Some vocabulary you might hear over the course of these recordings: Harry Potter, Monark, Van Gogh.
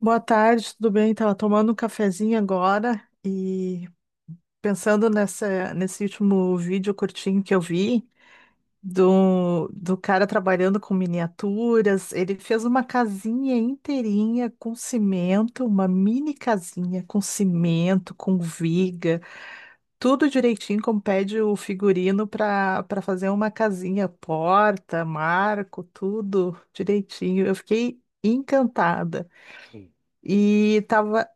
Boa tarde, tudo bem? Estava tomando um cafezinho agora e pensando nesse último vídeo curtinho que eu vi do cara trabalhando com miniaturas. Ele fez uma casinha inteirinha com cimento, uma mini casinha com cimento, com viga, tudo direitinho como pede o figurino para fazer uma casinha, porta, marco, tudo direitinho. Eu fiquei encantada. E tava.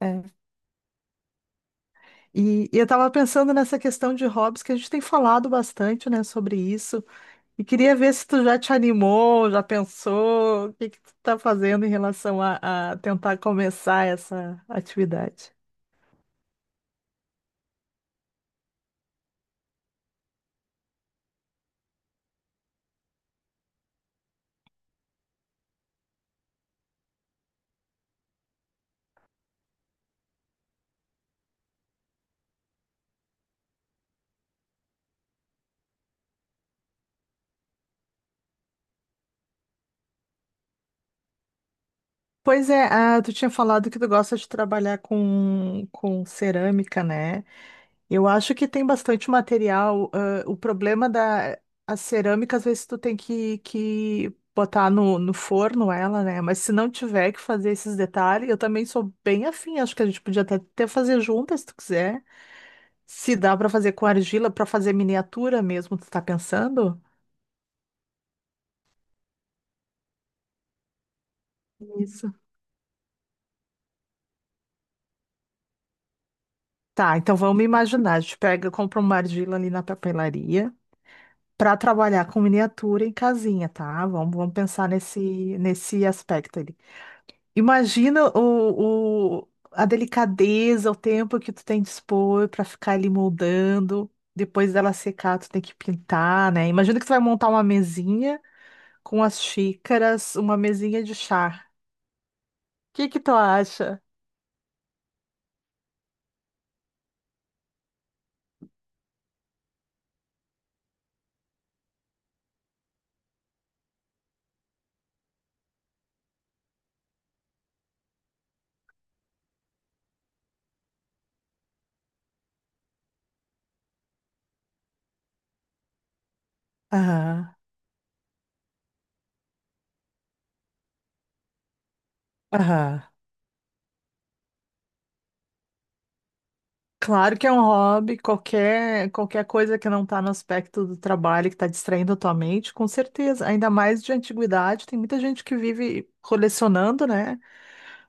É. E eu estava pensando nessa questão de hobbies, que a gente tem falado bastante, né, sobre isso. E queria ver se tu já te animou, já pensou, o que que tu tá fazendo em relação a tentar começar essa atividade. Pois é, ah, tu tinha falado que tu gosta de trabalhar com cerâmica, né? Eu acho que tem bastante material. O problema da a cerâmica, às vezes, tu tem que botar no forno ela, né? Mas se não tiver que fazer esses detalhes, eu também sou bem afim. Acho que a gente podia até fazer juntas, se tu quiser. Se dá para fazer com argila, para fazer miniatura mesmo, tu tá pensando? Isso. Tá, então vamos imaginar. A gente pega, compra uma argila ali na papelaria. Para trabalhar com miniatura em casinha, tá? Vamos pensar nesse aspecto ali. Imagina a delicadeza, o tempo que tu tem de expor para ficar ali moldando. Depois dela secar, tu tem que pintar, né? Imagina que tu vai montar uma mesinha com as xícaras, uma mesinha de chá. O que que tu acha? Aham, aham. Claro que é um hobby, qualquer, qualquer coisa que não está no aspecto do trabalho, que está distraindo a tua mente, com certeza. Ainda mais de antiguidade, tem muita gente que vive colecionando, né?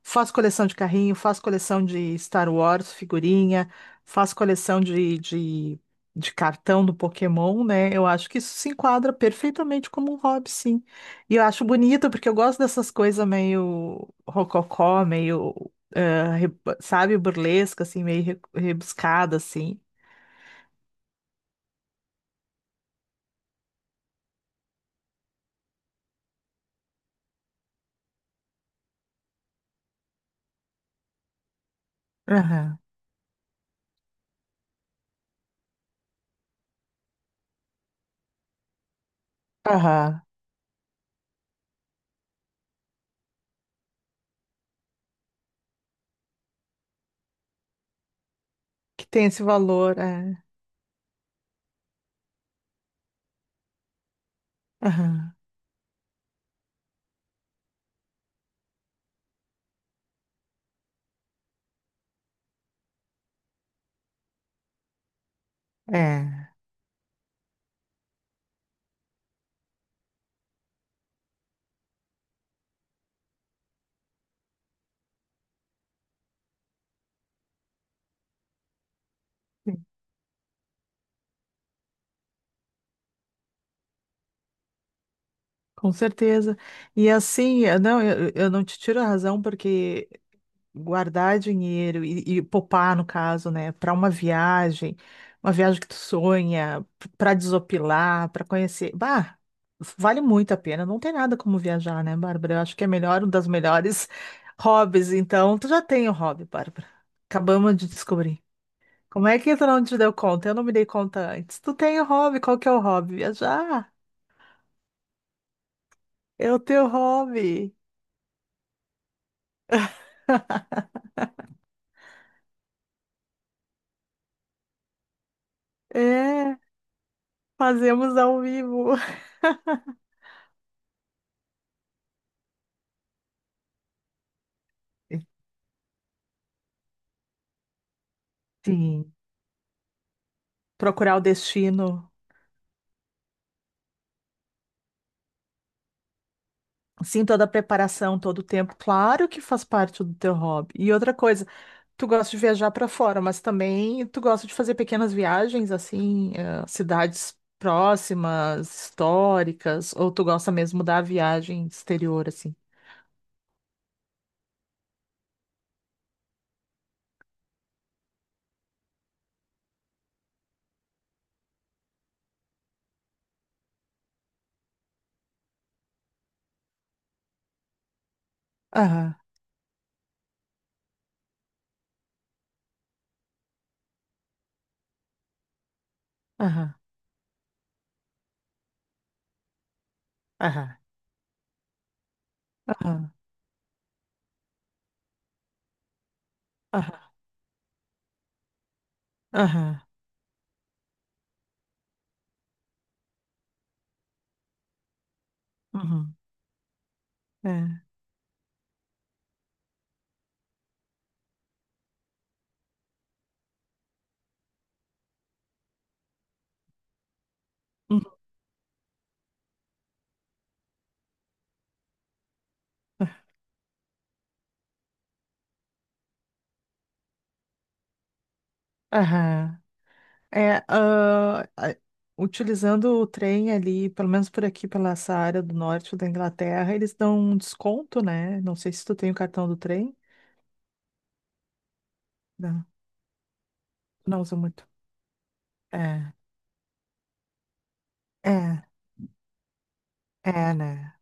Faz coleção de carrinho, faz coleção de Star Wars, figurinha, faz coleção de cartão do Pokémon, né? Eu acho que isso se enquadra perfeitamente como um hobby, sim. E eu acho bonito, porque eu gosto dessas coisas meio rococó, meio eh, sabe, burlesca, assim, meio rebuscada, assim. Aham, aham. Que tem esse valor, é. Aham, é. Sim. Com certeza. E assim, não, eu não te tiro a razão, porque guardar dinheiro e poupar, no caso, né, para uma viagem que tu sonha, para desopilar, para conhecer. Bah, vale muito a pena. Não tem nada como viajar, né, Bárbara? Eu acho que é melhor, um das melhores hobbies. Então, tu já tem o hobby, Bárbara. Acabamos de descobrir. Como é que tu não te deu conta? Eu não me dei conta antes. Tu tem o hobby, qual que é o hobby? Viajar. É o teu hobby. É, fazemos ao vivo. Sim. Procurar o destino. Sim, toda a preparação, todo o tempo, claro que faz parte do teu hobby. E outra coisa, tu gosta de viajar para fora, mas também tu gosta de fazer pequenas viagens, assim, eh, cidades próximas, históricas, ou tu gosta mesmo da viagem exterior, assim? Aham, aham, aham, aham, aham, aham, aham, uhum, é, uhum, aham. É, ah, a- utilizando o trem ali, pelo menos por aqui, pela essa área do norte da Inglaterra, eles dão um desconto, né? Não sei se tu tem o cartão do trem. Não, não usa muito. É, é, é, né?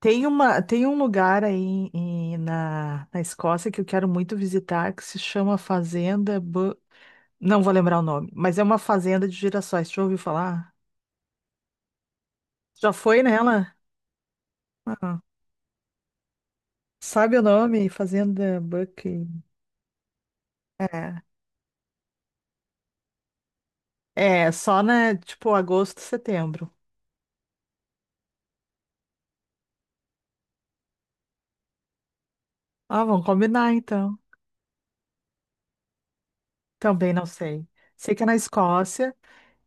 Tem uma, tem um lugar aí na Escócia que eu quero muito visitar, que se chama Fazenda... Não vou lembrar o nome, mas é uma fazenda de girassóis. Tu já ouviu falar? Já foi nela? Ah, sabe o nome? Fazenda Buck... É, só, né? Tipo, agosto, setembro. Ah, vamos combinar então. Também não sei. Sei que é na Escócia,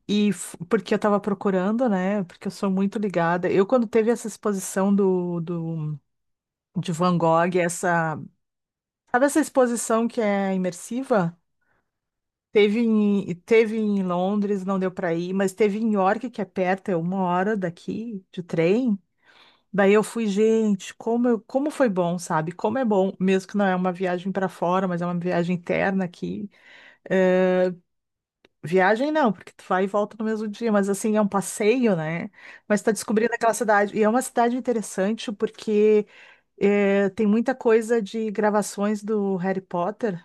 e porque eu tava procurando, né? Porque eu sou muito ligada. Eu, quando teve essa exposição de Van Gogh, essa. Sabe essa exposição que é imersiva? Teve em Londres, não deu para ir, mas teve em York, que é perto, é uma hora daqui de trem. Daí eu fui, gente, como, como foi bom, sabe? Como é bom, mesmo que não é uma viagem para fora, mas é uma viagem interna aqui. Eh, Viagem não, porque tu vai e volta no mesmo dia, mas assim, é um passeio, né? Mas tá descobrindo aquela cidade. E é uma cidade interessante porque tem muita coisa de gravações do Harry Potter.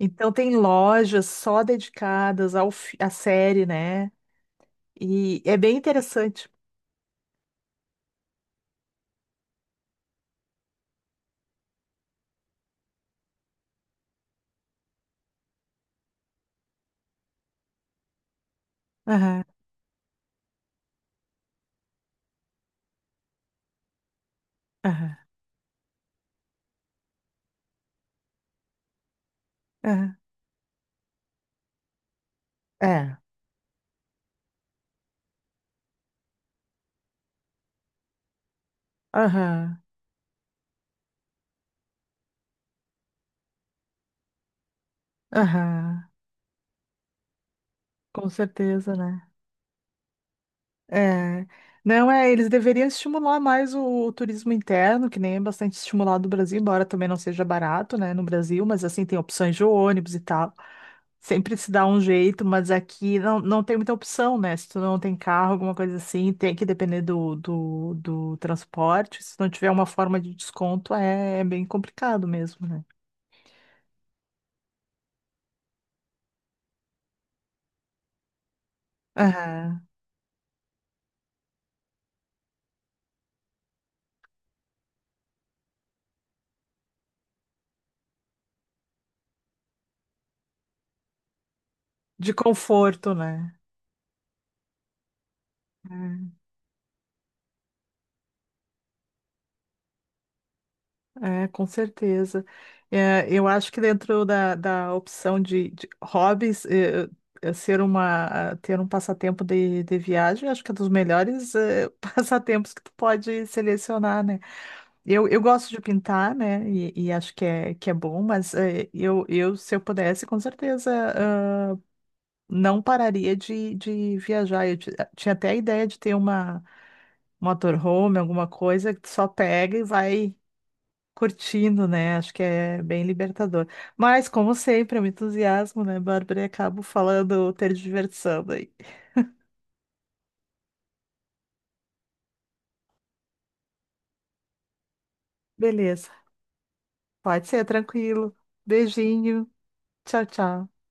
Então tem lojas só dedicadas ao, à série, né? E é bem interessante. Aham, aham, aham. É. Aham, aham. Com certeza, né? É. Não, é, eles deveriam estimular mais o turismo interno, que nem é bastante estimulado no Brasil, embora também não seja barato, né, no Brasil, mas assim, tem opções de ônibus e tal. Sempre se dá um jeito, mas aqui não, não tem muita opção, né? Se tu não tem carro, alguma coisa assim, tem que depender do transporte. Se não tiver uma forma de desconto, é, é bem complicado mesmo, né? Aham. De conforto, né? É. É, com certeza. É, eu acho que dentro da opção de hobbies, ter um passatempo de viagem, acho que é dos melhores, passatempos que tu pode selecionar, né? Eu gosto de pintar, né? E acho que é bom, mas se eu pudesse, com certeza, ah, não pararia de viajar. Eu tinha até a ideia de ter uma motorhome, alguma coisa que tu só pega e vai curtindo, né? Acho que é bem libertador. Mas, como sempre, eu me entusiasmo, né, Bárbara? E acabo falando, ter diversão aí. Beleza, pode ser, tranquilo. Beijinho. Tchau, tchau.